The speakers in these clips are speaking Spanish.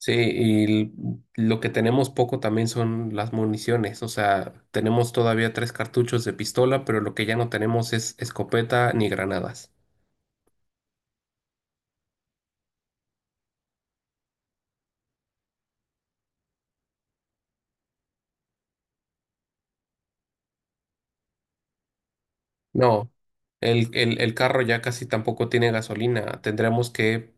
Sí, lo que tenemos poco también son las municiones, o sea, tenemos todavía tres cartuchos de pistola, pero lo que ya no tenemos es escopeta ni granadas. No, el carro ya casi tampoco tiene gasolina, tendremos que,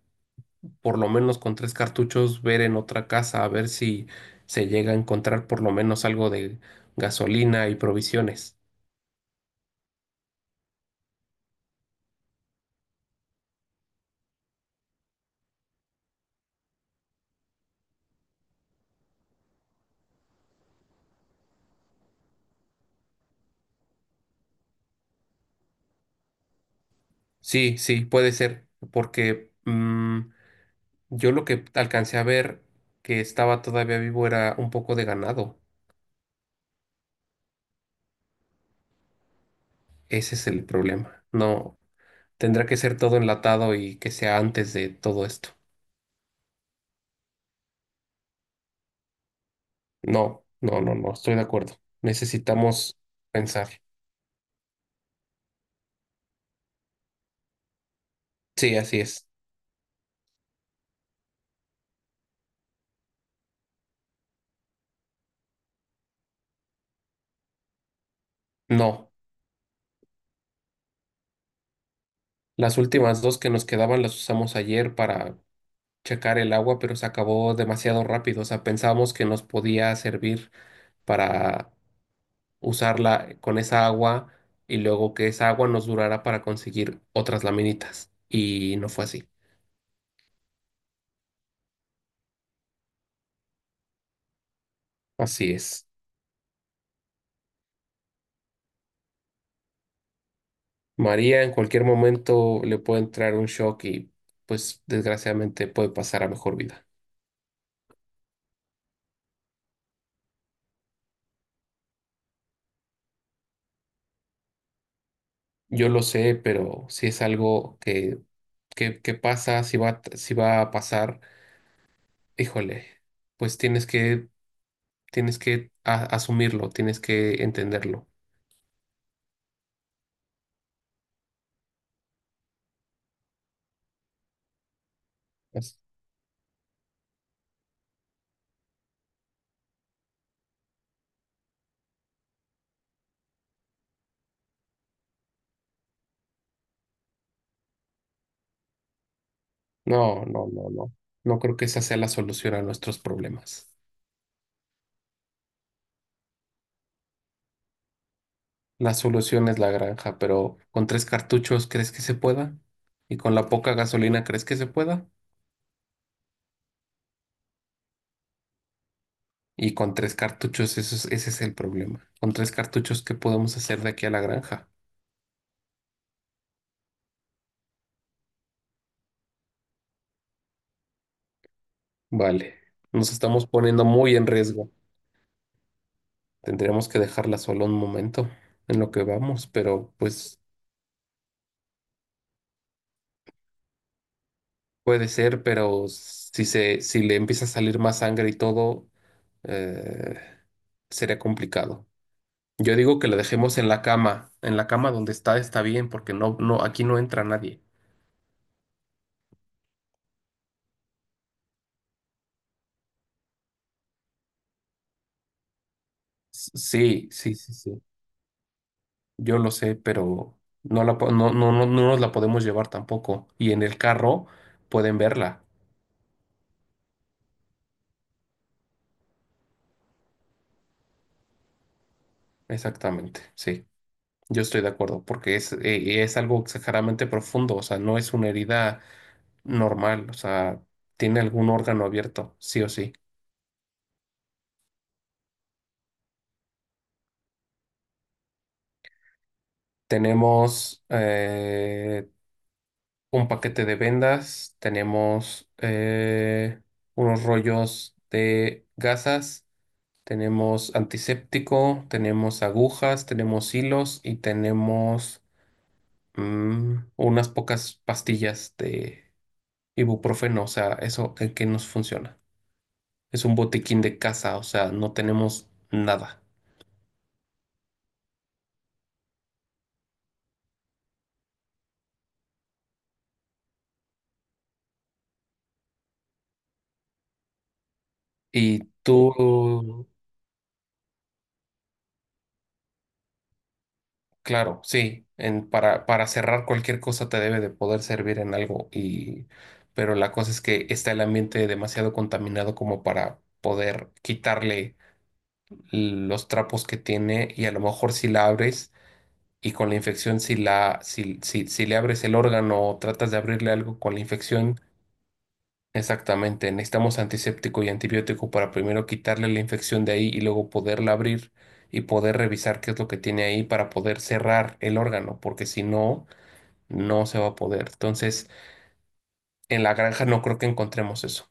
por lo menos con tres cartuchos, ver en otra casa a ver si se llega a encontrar por lo menos algo de gasolina y provisiones. Sí, sí, puede ser, porque... mm, yo lo que alcancé a ver que estaba todavía vivo era un poco de ganado. Ese es el problema. No, tendrá que ser todo enlatado y que sea antes de todo esto. No, no, no, no, estoy de acuerdo. Necesitamos pensar. Sí, así es. No, las últimas dos que nos quedaban las usamos ayer para checar el agua, pero se acabó demasiado rápido. O sea, pensábamos que nos podía servir para usarla con esa agua y luego que esa agua nos durara para conseguir otras laminitas. Y no fue así. Así es. María en cualquier momento le puede entrar un shock y pues desgraciadamente puede pasar a mejor vida. Yo lo sé, pero si es algo que pasa, si va, si va a pasar, híjole, pues tienes que asumirlo, tienes que entenderlo. Pues, no, no, no, no. No creo que esa sea la solución a nuestros problemas. La solución es la granja, pero con tres cartuchos, ¿crees que se pueda? Y con la poca gasolina, ¿crees que se pueda? Y con tres cartuchos, ese es el problema. Con tres cartuchos, ¿qué podemos hacer de aquí a la granja? Vale, nos estamos poniendo muy en riesgo. Tendremos que dejarla sola un momento en lo que vamos, pero pues puede ser, pero si se, si le empieza a salir más sangre y todo, eh, sería complicado. Yo digo que la dejemos en la cama donde está está bien, porque no, no, aquí no entra nadie. Sí, sí, sí, sí. Yo lo sé, pero no la, no, no, no, no nos la podemos llevar tampoco. Y en el carro pueden verla. Exactamente, sí. Yo estoy de acuerdo, porque es algo exageradamente profundo, o sea, no es una herida normal, o sea, tiene algún órgano abierto, sí o sí. Tenemos, un paquete de vendas, tenemos unos rollos de gasas, tenemos antiséptico, tenemos agujas, tenemos hilos y tenemos, unas pocas pastillas de ibuprofeno, o sea, eso en qué nos funciona. Es un botiquín de casa, o sea, no tenemos nada. ¿Y oh, tú claro, sí, para cerrar cualquier cosa te debe de poder servir en algo. Y pero la cosa es que está el ambiente demasiado contaminado como para poder quitarle los trapos que tiene y a lo mejor si la abres y con la infección si la si le abres el órgano o tratas de abrirle algo con la infección, exactamente, necesitamos antiséptico y antibiótico para primero quitarle la infección de ahí y luego poderla abrir y poder revisar qué es lo que tiene ahí para poder cerrar el órgano, porque si no no se va a poder. Entonces, en la granja no creo que encontremos eso.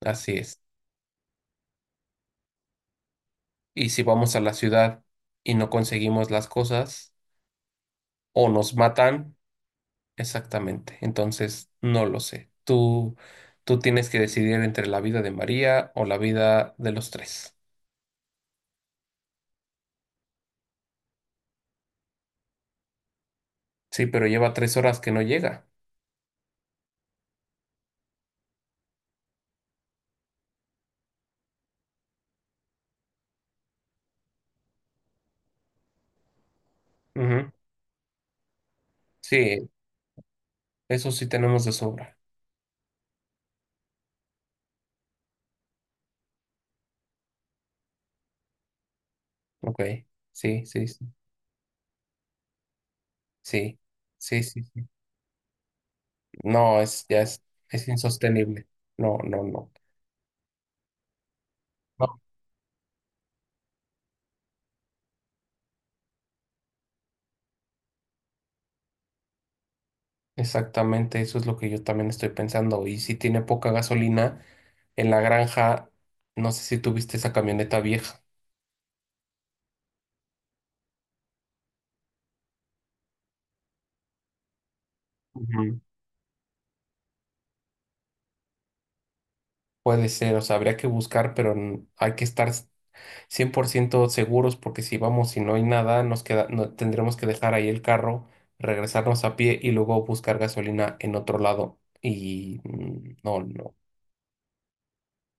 Así es. Y si vamos a la ciudad y no conseguimos las cosas, o nos matan, exactamente. Entonces, no lo sé. Tú tienes que decidir entre la vida de María o la vida de los tres. Sí, pero lleva tres horas que no llega. Ujú. Sí, eso sí tenemos de sobra. Ok, sí, sí, sí, sí, sí, sí, sí. No, es, ya es insostenible. No, no, no. No, exactamente, eso es lo que yo también estoy pensando. Y si tiene poca gasolina, en la granja, no sé si tuviste esa camioneta vieja. Ujú. Puede ser, o sea, habría que buscar, pero hay que estar 100% seguros porque si vamos y no hay nada, nos queda, tendremos que dejar ahí el carro, regresarnos a pie y luego buscar gasolina en otro lado. Y no, no,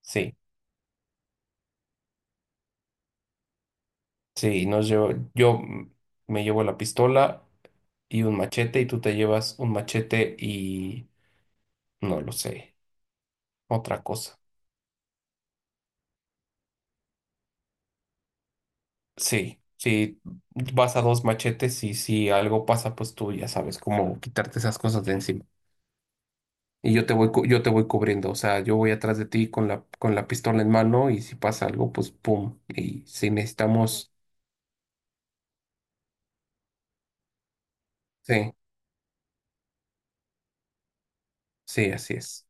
sí. Sí, yo, me llevo la pistola y un machete y tú te llevas un machete y no lo sé, otra cosa. Sí, sí, vas a dos machetes y si algo pasa, pues tú ya sabes cómo quitarte esas cosas de encima. Y yo te voy, yo te voy cubriendo, o sea, yo voy atrás de ti con la pistola en mano y si pasa algo, pues pum. Y si necesitamos, sí, sí, así es.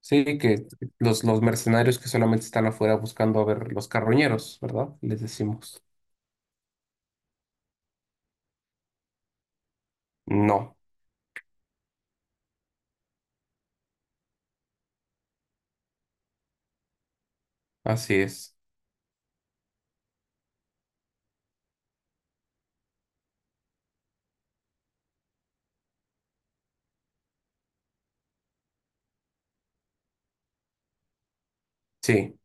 Sí, que los mercenarios que solamente están afuera buscando, a ver, los carroñeros, ¿verdad? Les decimos. No, así es. Sí.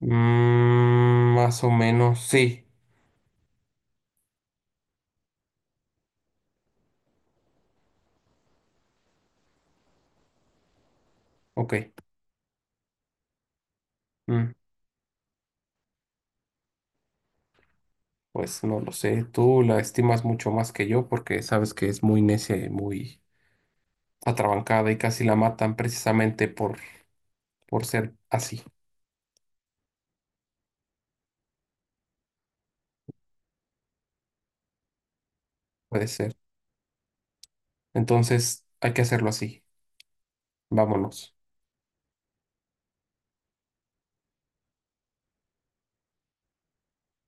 Mm, más o menos, sí. Ok. Mm, pues no lo sé. Tú la estimas mucho más que yo porque sabes que es muy necia y muy atrabancada y casi la matan precisamente por ser así. Puede ser. Entonces hay que hacerlo así. Vámonos.